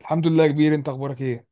الحمد لله يا كبير، انت اخبارك ايه؟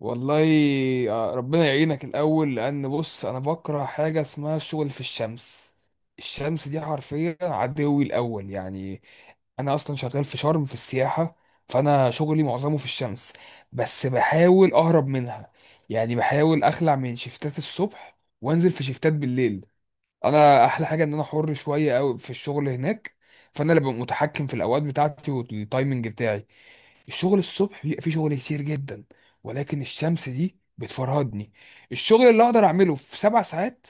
والله، ربنا يعينك الاول. لان بص، انا بكره حاجه اسمها الشغل في الشمس. الشمس دي حرفيا عدوي الاول يعني. انا اصلا شغال في شرم في السياحه، فانا شغلي معظمه في الشمس، بس بحاول اهرب منها. يعني بحاول اخلع من شفتات الصبح وانزل في شفتات بالليل. انا احلى حاجه ان انا حر شويه قوي في الشغل هناك، فانا اللي ببقى متحكم في الاوقات بتاعتي والتايمنج بتاعي. الشغل الصبح بيبقى فيه شغل كتير جدا، ولكن الشمس دي بتفرهدني. الشغل اللي اقدر اعمله في 7 ساعات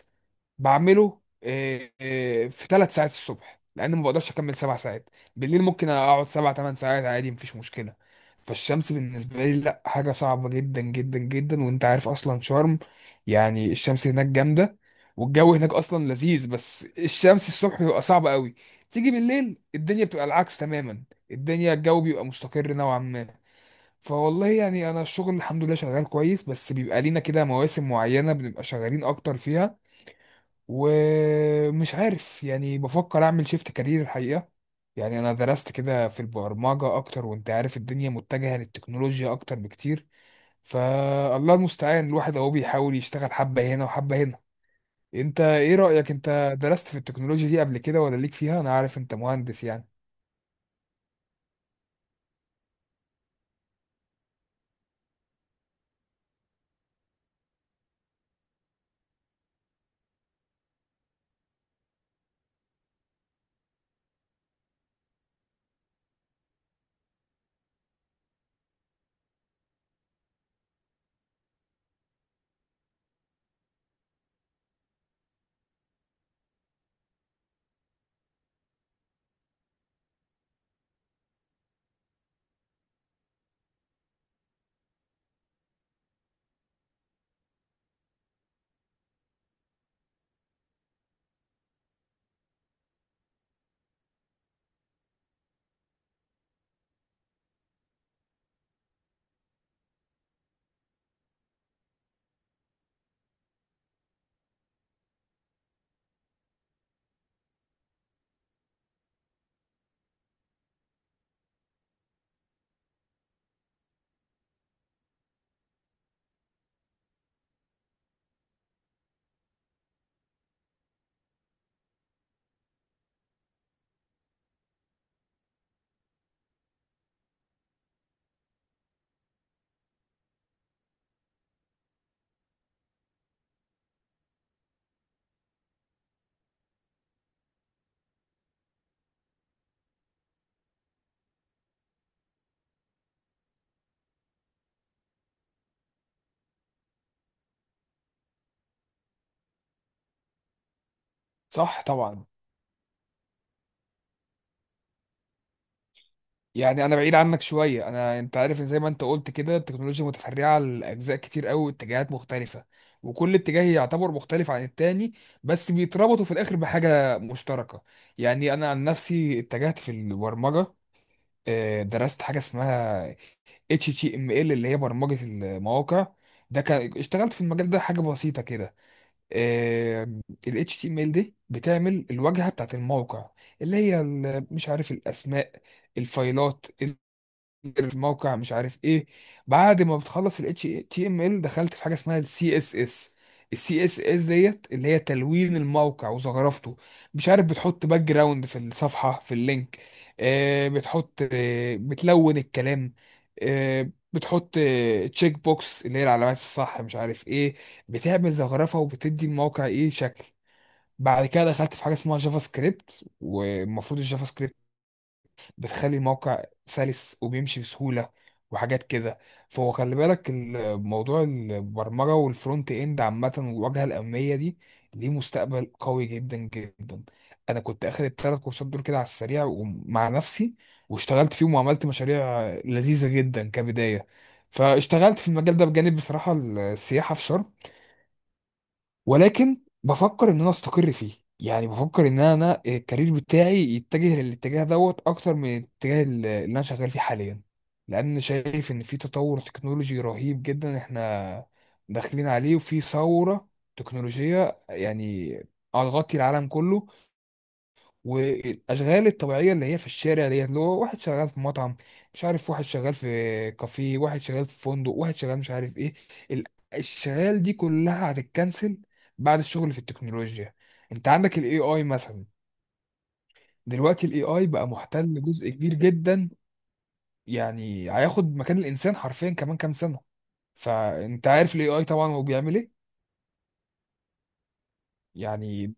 بعمله في 3 ساعات الصبح، لان ما بقدرش اكمل 7 ساعات. بالليل ممكن اقعد 7 8 ساعات عادي، مفيش مشكله. فالشمس بالنسبه لي لا، حاجه صعبه جدا جدا جدا. وانت عارف اصلا شرم، يعني الشمس هناك جامده. والجو هناك اصلا لذيذ، بس الشمس الصبح بيبقى صعب قوي. تيجي بالليل الدنيا بتبقى العكس تماما، الدنيا الجو بيبقى مستقر نوعا ما. فوالله يعني انا الشغل الحمد لله شغال كويس، بس بيبقى لينا كده مواسم معينة بنبقى شغالين اكتر فيها. ومش عارف، يعني بفكر اعمل شيفت كارير الحقيقة. يعني انا درست كده في البرمجة اكتر، وانت عارف الدنيا متجهة للتكنولوجيا اكتر بكتير. فالله المستعان، الواحد اهو بيحاول يشتغل حبة هنا وحبة هنا. انت ايه رأيك؟ انت درست في التكنولوجيا دي قبل كده ولا ليك فيها؟ انا عارف انت مهندس يعني. صح طبعا. يعني انا بعيد عنك شويه. انت عارف ان زي ما انت قلت كده، التكنولوجيا متفرعه لاجزاء كتير قوي واتجاهات مختلفه، وكل اتجاه يعتبر مختلف عن التاني، بس بيتربطوا في الاخر بحاجه مشتركه. يعني انا عن نفسي اتجهت في البرمجه. درست حاجه اسمها HTML، اللي هي برمجه المواقع. ده كان اشتغلت في المجال ده حاجه بسيطه كده. آه، ال HTML دي بتعمل الواجهه بتاعت الموقع، اللي هي مش عارف الاسماء، الفايلات في موقع مش عارف ايه. بعد ما بتخلص ال HTML، دخلت في حاجه اسمها ال CSS. ال CSS ديت اللي هي تلوين الموقع وزخرفته. مش عارف، بتحط باك جراوند في الصفحه في اللينك. آه بتحط، آه بتلون الكلام، آه بتحط تشيك بوكس، اللي هي العلامات الصح مش عارف ايه. بتعمل زخرفه وبتدي الموقع ايه شكل. بعد كده دخلت في حاجه اسمها جافا سكريبت، والمفروض الجافا سكريبت بتخلي الموقع سلس وبيمشي بسهولة وحاجات كده. فهو خلي بالك، الموضوع البرمجة والفرونت اند عامة والواجهة الأمامية دي ليه مستقبل قوي جدا جدا. أنا كنت أخد التلات كورسات دول كده على السريع ومع نفسي، واشتغلت فيهم وعملت مشاريع لذيذة جدا كبداية. فاشتغلت في المجال ده بجانب بصراحة السياحة في شرم، ولكن بفكر ان انا استقر فيه. يعني بفكر ان انا الكارير بتاعي يتجه للاتجاه دوت اكتر من الاتجاه اللي انا شغال فيه حاليا، لان شايف ان في تطور تكنولوجي رهيب جدا احنا داخلين عليه، وفي ثورة تكنولوجية يعني هتغطي العالم كله. والاشغال الطبيعيه اللي هي في الشارع ديت، اللي هو واحد شغال في مطعم، مش عارف، واحد شغال في كافيه، واحد شغال في فندق، واحد شغال مش عارف ايه، ال- الشغال دي كلها هتتكنسل بعد الشغل في التكنولوجيا. انت عندك الاي اي مثلا. دلوقتي الاي اي بقى محتل جزء كبير جدا، يعني هياخد مكان الانسان حرفيا كمان كام سنه. فانت عارف الاي اي طبعا هو بيعمل ايه. يعني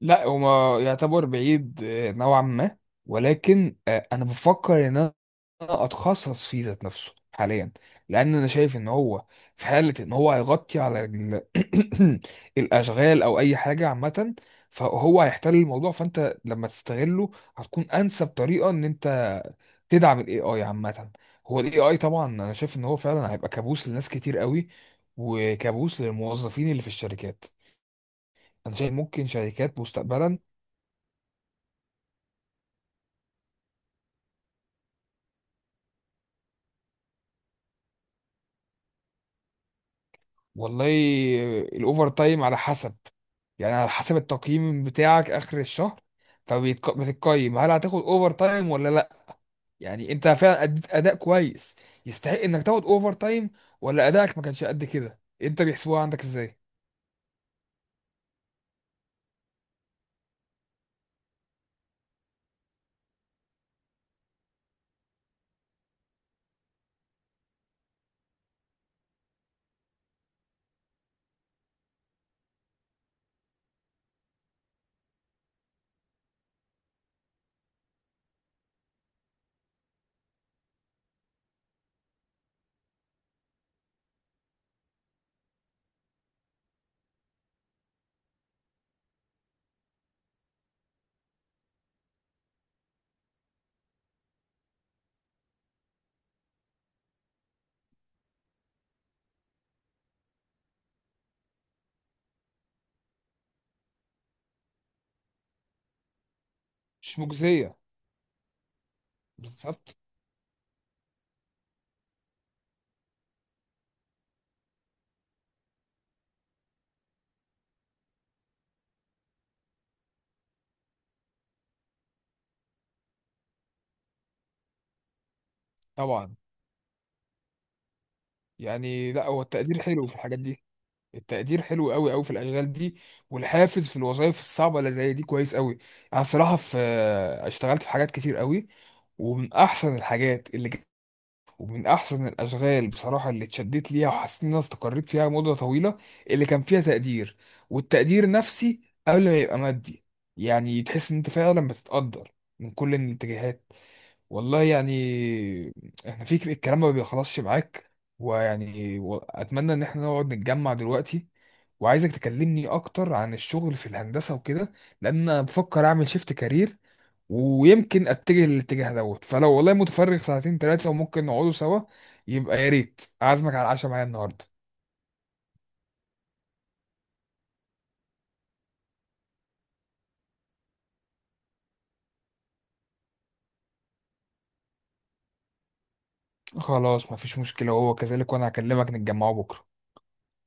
لا، هو ما يعتبر بعيد، نوعا ما. ولكن انا بفكر ان انا اتخصص فيه ذات نفسه حاليا، لان انا شايف ان هو في حاله ان هو هيغطي على الاشغال او اي حاجه عامه. فهو هيحتل الموضوع، فانت لما تستغله هتكون انسب طريقه ان انت تدعم الاي اي عامه. هو الاي اي طبعا انا شايف ان هو فعلا هيبقى كابوس لناس كتير قوي، وكابوس للموظفين اللي في الشركات. انا شايف ممكن شركات مستقبلا. والله، الاوفر تايم على حسب. يعني على حسب التقييم بتاعك اخر الشهر، فبتقيم هل هتاخد اوفر تايم ولا لا. يعني انت فعلا اديت اداء كويس يستحق انك تاخد اوفر تايم، ولا ادائك ما كانش قد كده؟ انت بيحسبوها عندك ازاي؟ مش مجزية. بالظبط. طبعا. يعني لا، هو التقدير حلو في الحاجات دي. التقدير حلو قوي قوي في الاشغال دي، والحافز في الوظائف الصعبه اللي زي دي كويس قوي. انا صراحه في اشتغلت في حاجات كتير قوي، ومن احسن الحاجات ومن احسن الاشغال بصراحه اللي اتشدت ليها وحسيت ان انا استقريت فيها مده طويله، اللي كان فيها تقدير. والتقدير نفسي قبل ما يبقى مادي، يعني تحس ان انت فعلا بتتقدر من كل الاتجاهات. والله يعني احنا في الكلام ما بيخلصش معاك. اتمنى ان احنا نقعد نتجمع دلوقتي، وعايزك تكلمني اكتر عن الشغل في الهندسة وكده، لان انا بفكر اعمل شيفت كارير ويمكن اتجه للاتجاه دوت. فلو والله متفرغ ساعتين ثلاثة وممكن نقعدوا سوا، يبقى يا ريت اعزمك على العشاء معايا النهاردة. خلاص، مفيش مشكلة، وهو كذلك، وانا هكلمك نتجمعوا بكرة.